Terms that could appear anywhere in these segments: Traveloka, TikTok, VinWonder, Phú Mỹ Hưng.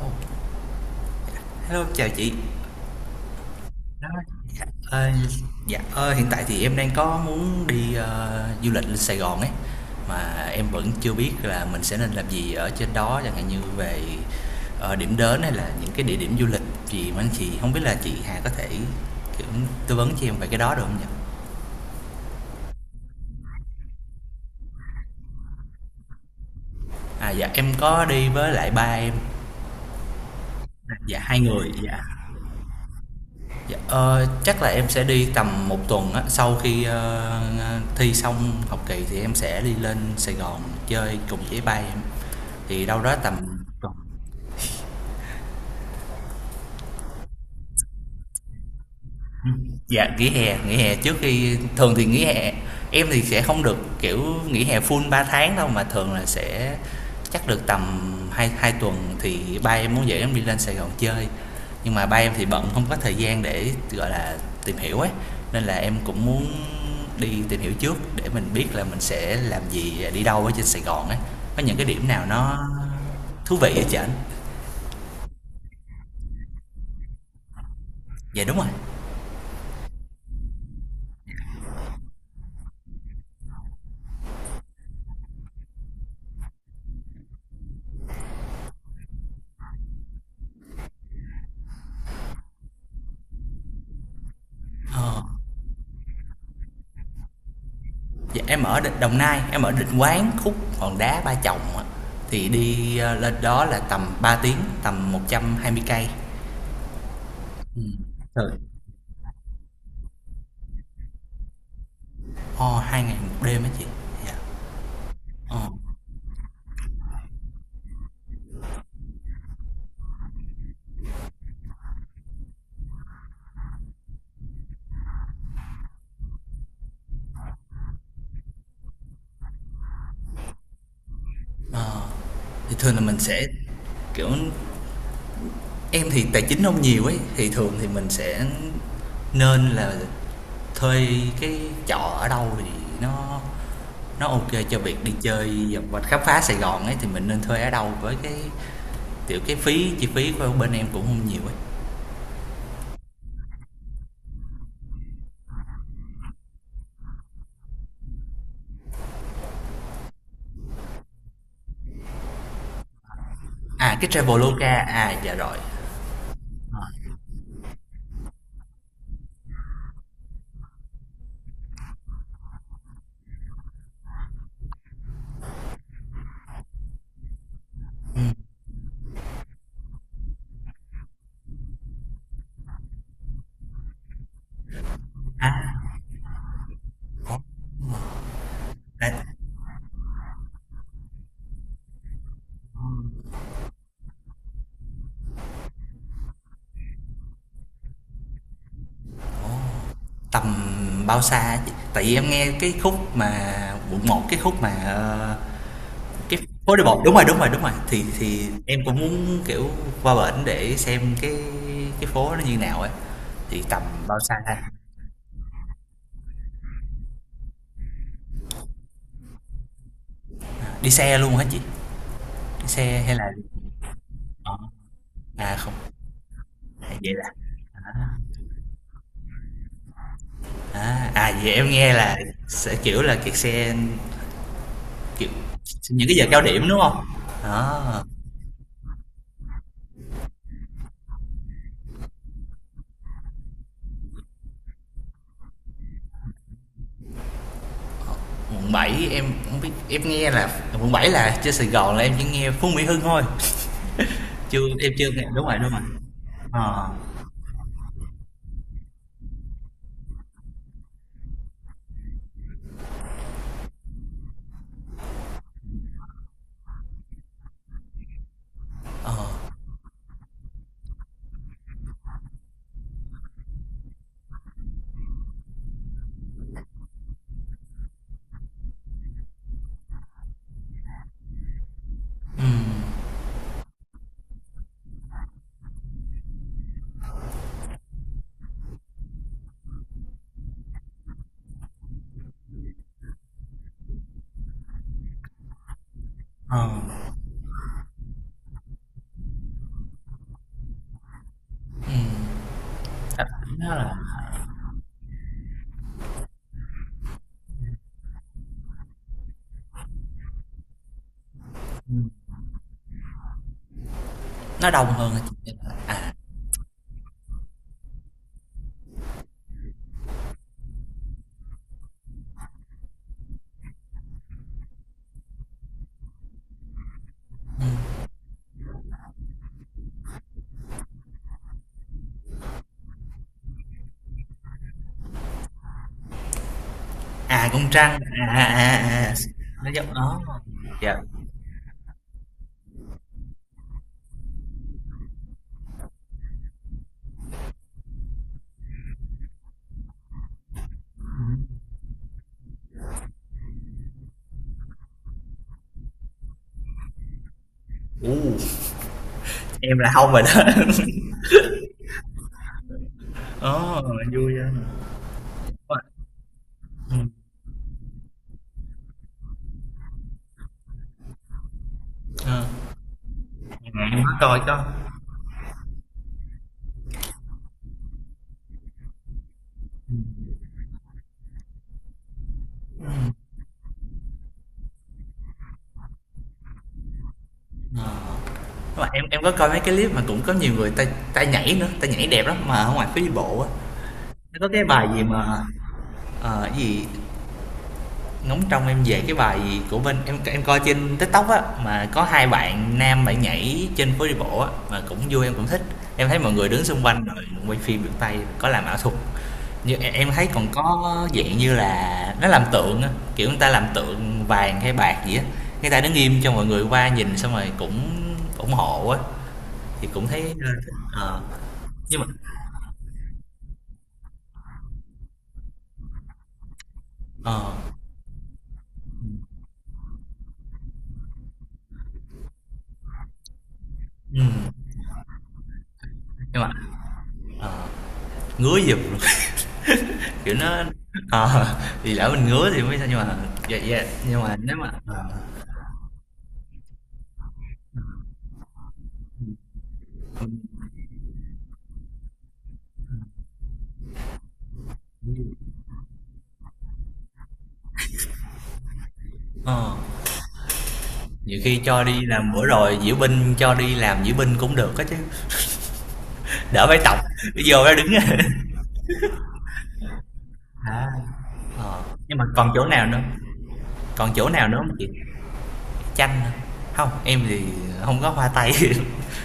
Ồ, Hello, chào chị. Đó, dạ, ờ, dạ, hiện tại thì em đang có muốn đi du lịch lên Sài Gòn ấy, mà em vẫn chưa biết là mình sẽ nên làm gì ở trên đó, chẳng hạn như về điểm đến hay là những cái địa điểm du lịch gì mà anh chị không biết là chị Hà có thể kiểu tư vấn cho em về cái đó được không nhỉ? À, dạ em có đi với lại ba em. Dạ, hai người. Dạ. Dạ, chắc là em sẽ đi tầm một tuần á, sau khi thi xong học kỳ thì em sẽ đi lên Sài Gòn chơi cùng với ba em, thì đâu đó tầm tuần. Dạ, nghỉ hè trước khi thường thì nghỉ hè em thì sẽ không được, kiểu, nghỉ hè full 3 tháng đâu, mà thường là sẽ chắc được tầm hai hai tuần thì ba em muốn dẫn em đi lên Sài Gòn chơi. Nhưng mà ba em thì bận không có thời gian để, gọi là, tìm hiểu ấy, nên là em cũng muốn đi tìm hiểu trước để mình biết là mình sẽ làm gì, à, đi đâu ở trên Sài Gòn ấy. Có những cái điểm nào nó thú vị hả chị ảnh? Dạ, đúng rồi. Ờ. Dạ, em ở Đồng Nai, em ở Định Quán, khúc Hòn Đá, Ba Chồng á. Thì đi lên đó là tầm 3 tiếng, tầm 120 cây. Rồi. Ồ, 2 ngày một đêm á chị. Dạ. Ồ. Thì thường là mình sẽ kiểu em thì tài chính không nhiều ấy, thì thường thì mình sẽ nên là thuê cái trọ ở đâu thì nó nó ok cho việc đi chơi và khám phá Sài Gòn ấy, thì mình nên thuê ở đâu với cái kiểu cái phí, chi phí của bên em cũng không nhiều ấy. À, cái Traveloka, à dạ rồi. À, ủa, à, tầm bao xa chị? Tại vì em nghe cái khúc mà quận một, cái khúc mà cái phố đi bộ, đúng rồi, đúng rồi, đúng rồi. Thì em cũng muốn kiểu qua bển để xem cái phố nó như nào ấy. Thì tầm bao xa ta? Đi xe luôn hả chị? Đi xe hay là Ờ, à không. À, vậy là à, à vậy em nghe là sẽ kiểu là kẹt xe kiểu những cái giờ cao điểm đúng không? Đó. Quận 7 em không biết, em nghe là quận 7 là trên Sài Gòn là em chỉ nghe Phú Mỹ Hưng thôi. Chưa, em chưa nghe, đúng rồi, đúng rồi. ờ ờ À, nó là nó đông hơn. À, à con trăng à, à, à, à, à, nó giống đó. Dạ. u em là không rồi đó. Ồ, vui á. Ừ. Ờ. Em có coi có mà em có coi mấy cái clip mà cũng có nhiều người ta ta nhảy nữa, ta nhảy đẹp lắm mà ở ngoài phố đi bộ á. Nó có cái bài gì mà Ờ, cái gì ngóng trông em về, cái bài của bên em coi trên TikTok á mà có hai bạn nam, bạn nhảy trên phố đi bộ á mà cũng vui em cũng thích. Em thấy mọi người đứng xung quanh rồi quay phim, được tay có làm ảo thuật. Như em thấy còn có dạng như là nó làm tượng á, kiểu người ta làm tượng vàng hay bạc gì á. Người ta đứng im cho mọi người qua nhìn xong rồi cũng ủng hộ á thì cũng thấy ờ, nhưng mà ờ ừ, nhưng mà ngứa giùm luôn. Kiểu nó ờ, thì lỡ mình ngứa thì mới sao nhưng mà dạ dạ, nhưng mà nếu mà ờ, nhiều khi cho đi làm bữa rồi diễu binh, cho đi làm diễu binh cũng được á chứ. Đỡ phải tập, bây giờ ra đứng. À. Ờ, nhưng mà còn chỗ nào nữa? Còn chỗ nào nữa hông chị? Chanh hả? Hông, em thì không có hoa tay.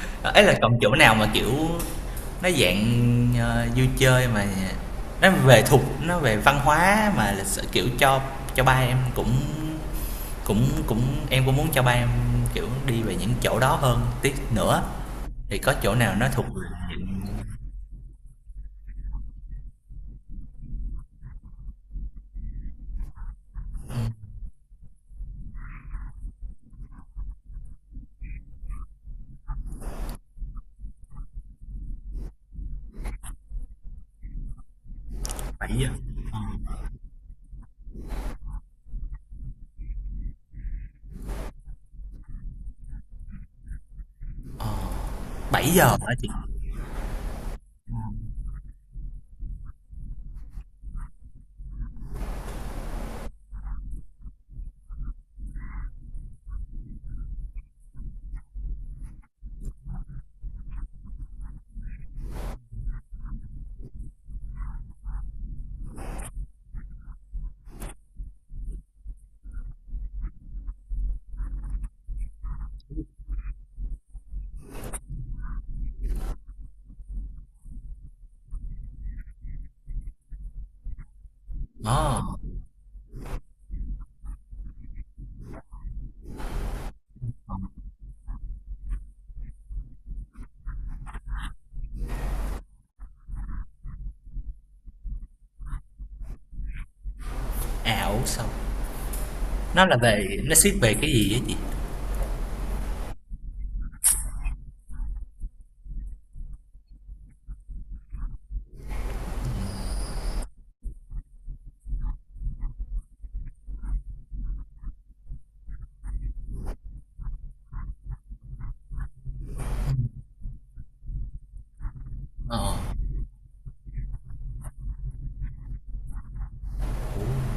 Ấy là còn chỗ nào mà, kiểu, nó dạng, vui chơi mà nó về thuộc, nó về văn hóa mà lịch sử, kiểu, cho ba em cũng cũng cũng em cũng muốn cho ba em, kiểu, đi về những chỗ đó hơn tí nữa, thì có chỗ nào nó thuộc diện 7 giờ? Ờ, 7 giờ hả chị? Ờ, ảo ủ sao, nó là về, nó xét về cái gì á chị? Ờ, ủa,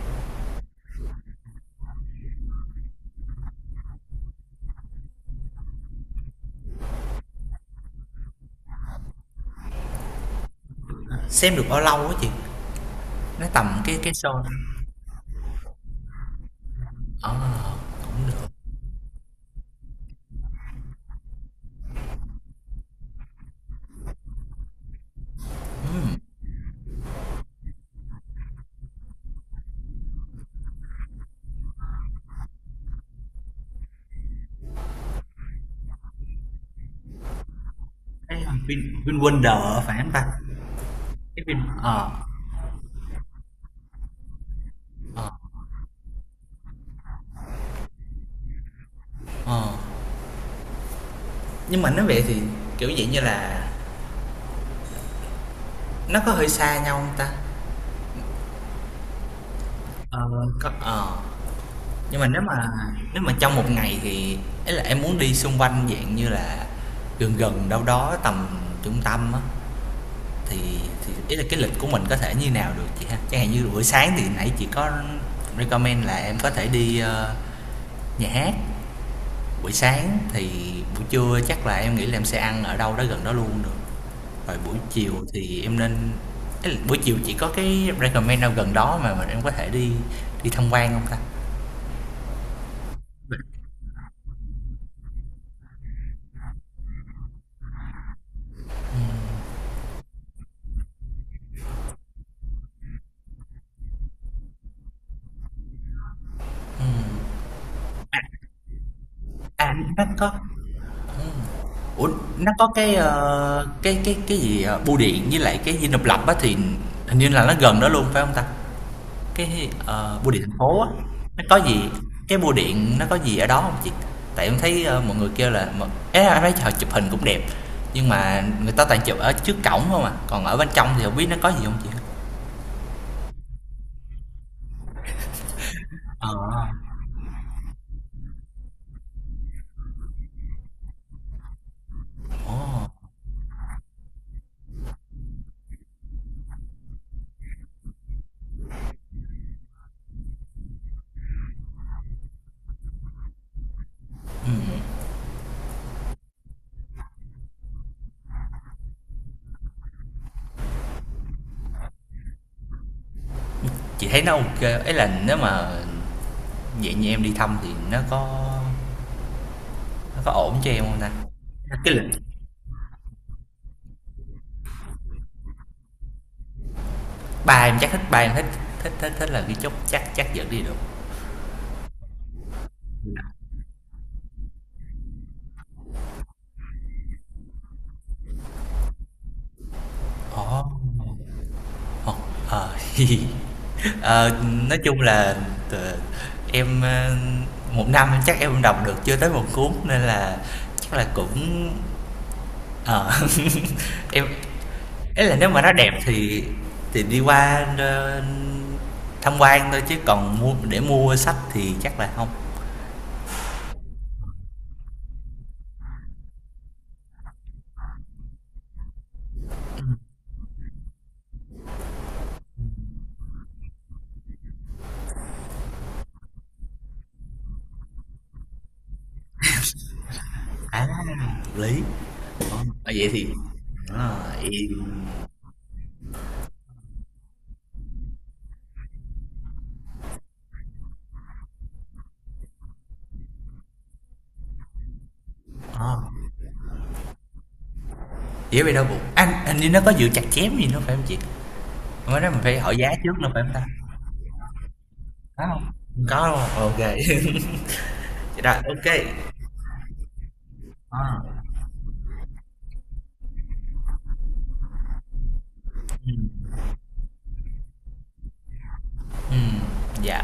xem được bao lâu á chị? Nó tầm cái show ờ, cũng được. Ừm, cái Vin, VinWonder á phải hông ta? Cái Vin ờ, ờ, ờ. Nhưng mà nếu về thì, kiểu, vậy như là, nó có hơi xa nhau không ta? Ờ, có ờ. Nhưng mà nếu mà trong một ngày thì ấy là em muốn đi xung quanh dạng như là gần gần đâu đó tầm trung tâm á, thì thì ý là cái lịch của mình có thể như nào được chị ha? Chẳng hạn như buổi sáng thì nãy chị có recommend là em có thể đi, nhà hát buổi sáng, thì buổi trưa chắc là em nghĩ là em sẽ ăn ở đâu đó gần đó luôn được. Rồi buổi chiều thì em nên ý là buổi chiều chị có cái recommend nào gần đó mà em có thể đi đi tham quan không ta? À, nó có. Ủa, nó có cái cái cái gì bưu điện với lại cái Dinh Độc Lập á, thì hình như là nó gần đó luôn phải không ta? Cái bưu điện thành phố á nó có gì, cái bưu điện nó có gì ở đó không chị? Tại em thấy mọi người kêu là ấy là em thấy họ chụp hình cũng đẹp, nhưng mà người ta toàn chụp ở trước cổng không, à còn ở bên trong thì không biết nó có gì không chị? Ờ. Ồ, chị thấy nó ok ấy là nếu mà vậy như em đi thăm thì nó có ổn cho em không ta? Cái lịch. Bà em chắc thích, ba em thích thích thích thích là cái chốt, chắc chắc dẫn đi được. Ồ. Ồ, ờ. Ờ, nói chung là t em, 1 năm em chắc em đọc được chưa tới một cuốn, nên là chắc là cũng ờ, em ấy là nếu mà nó đẹp thì đi qua, tham quan thôi chứ còn mua, để mua sách thì chắc là không. À, hợp lý. Ồ, vậy thì à, vậy Ờ, dĩa về đau bụng. Anh như nó có dự chặt chém gì nữa phải không chị? Mới đó mình phải hỏi giá trước nữa phải không ta? Có không? Hông có, đúng hông? Ô. Vậy rồi, ok. Ờ, ừm, ừm, dạ,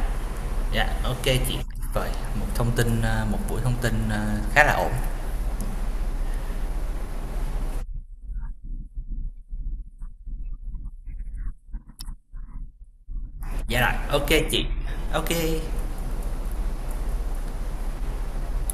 dạ, ok chị. Rồi, một buổi thông tin, khá là ổn. Dạ rồi, ok chị, ok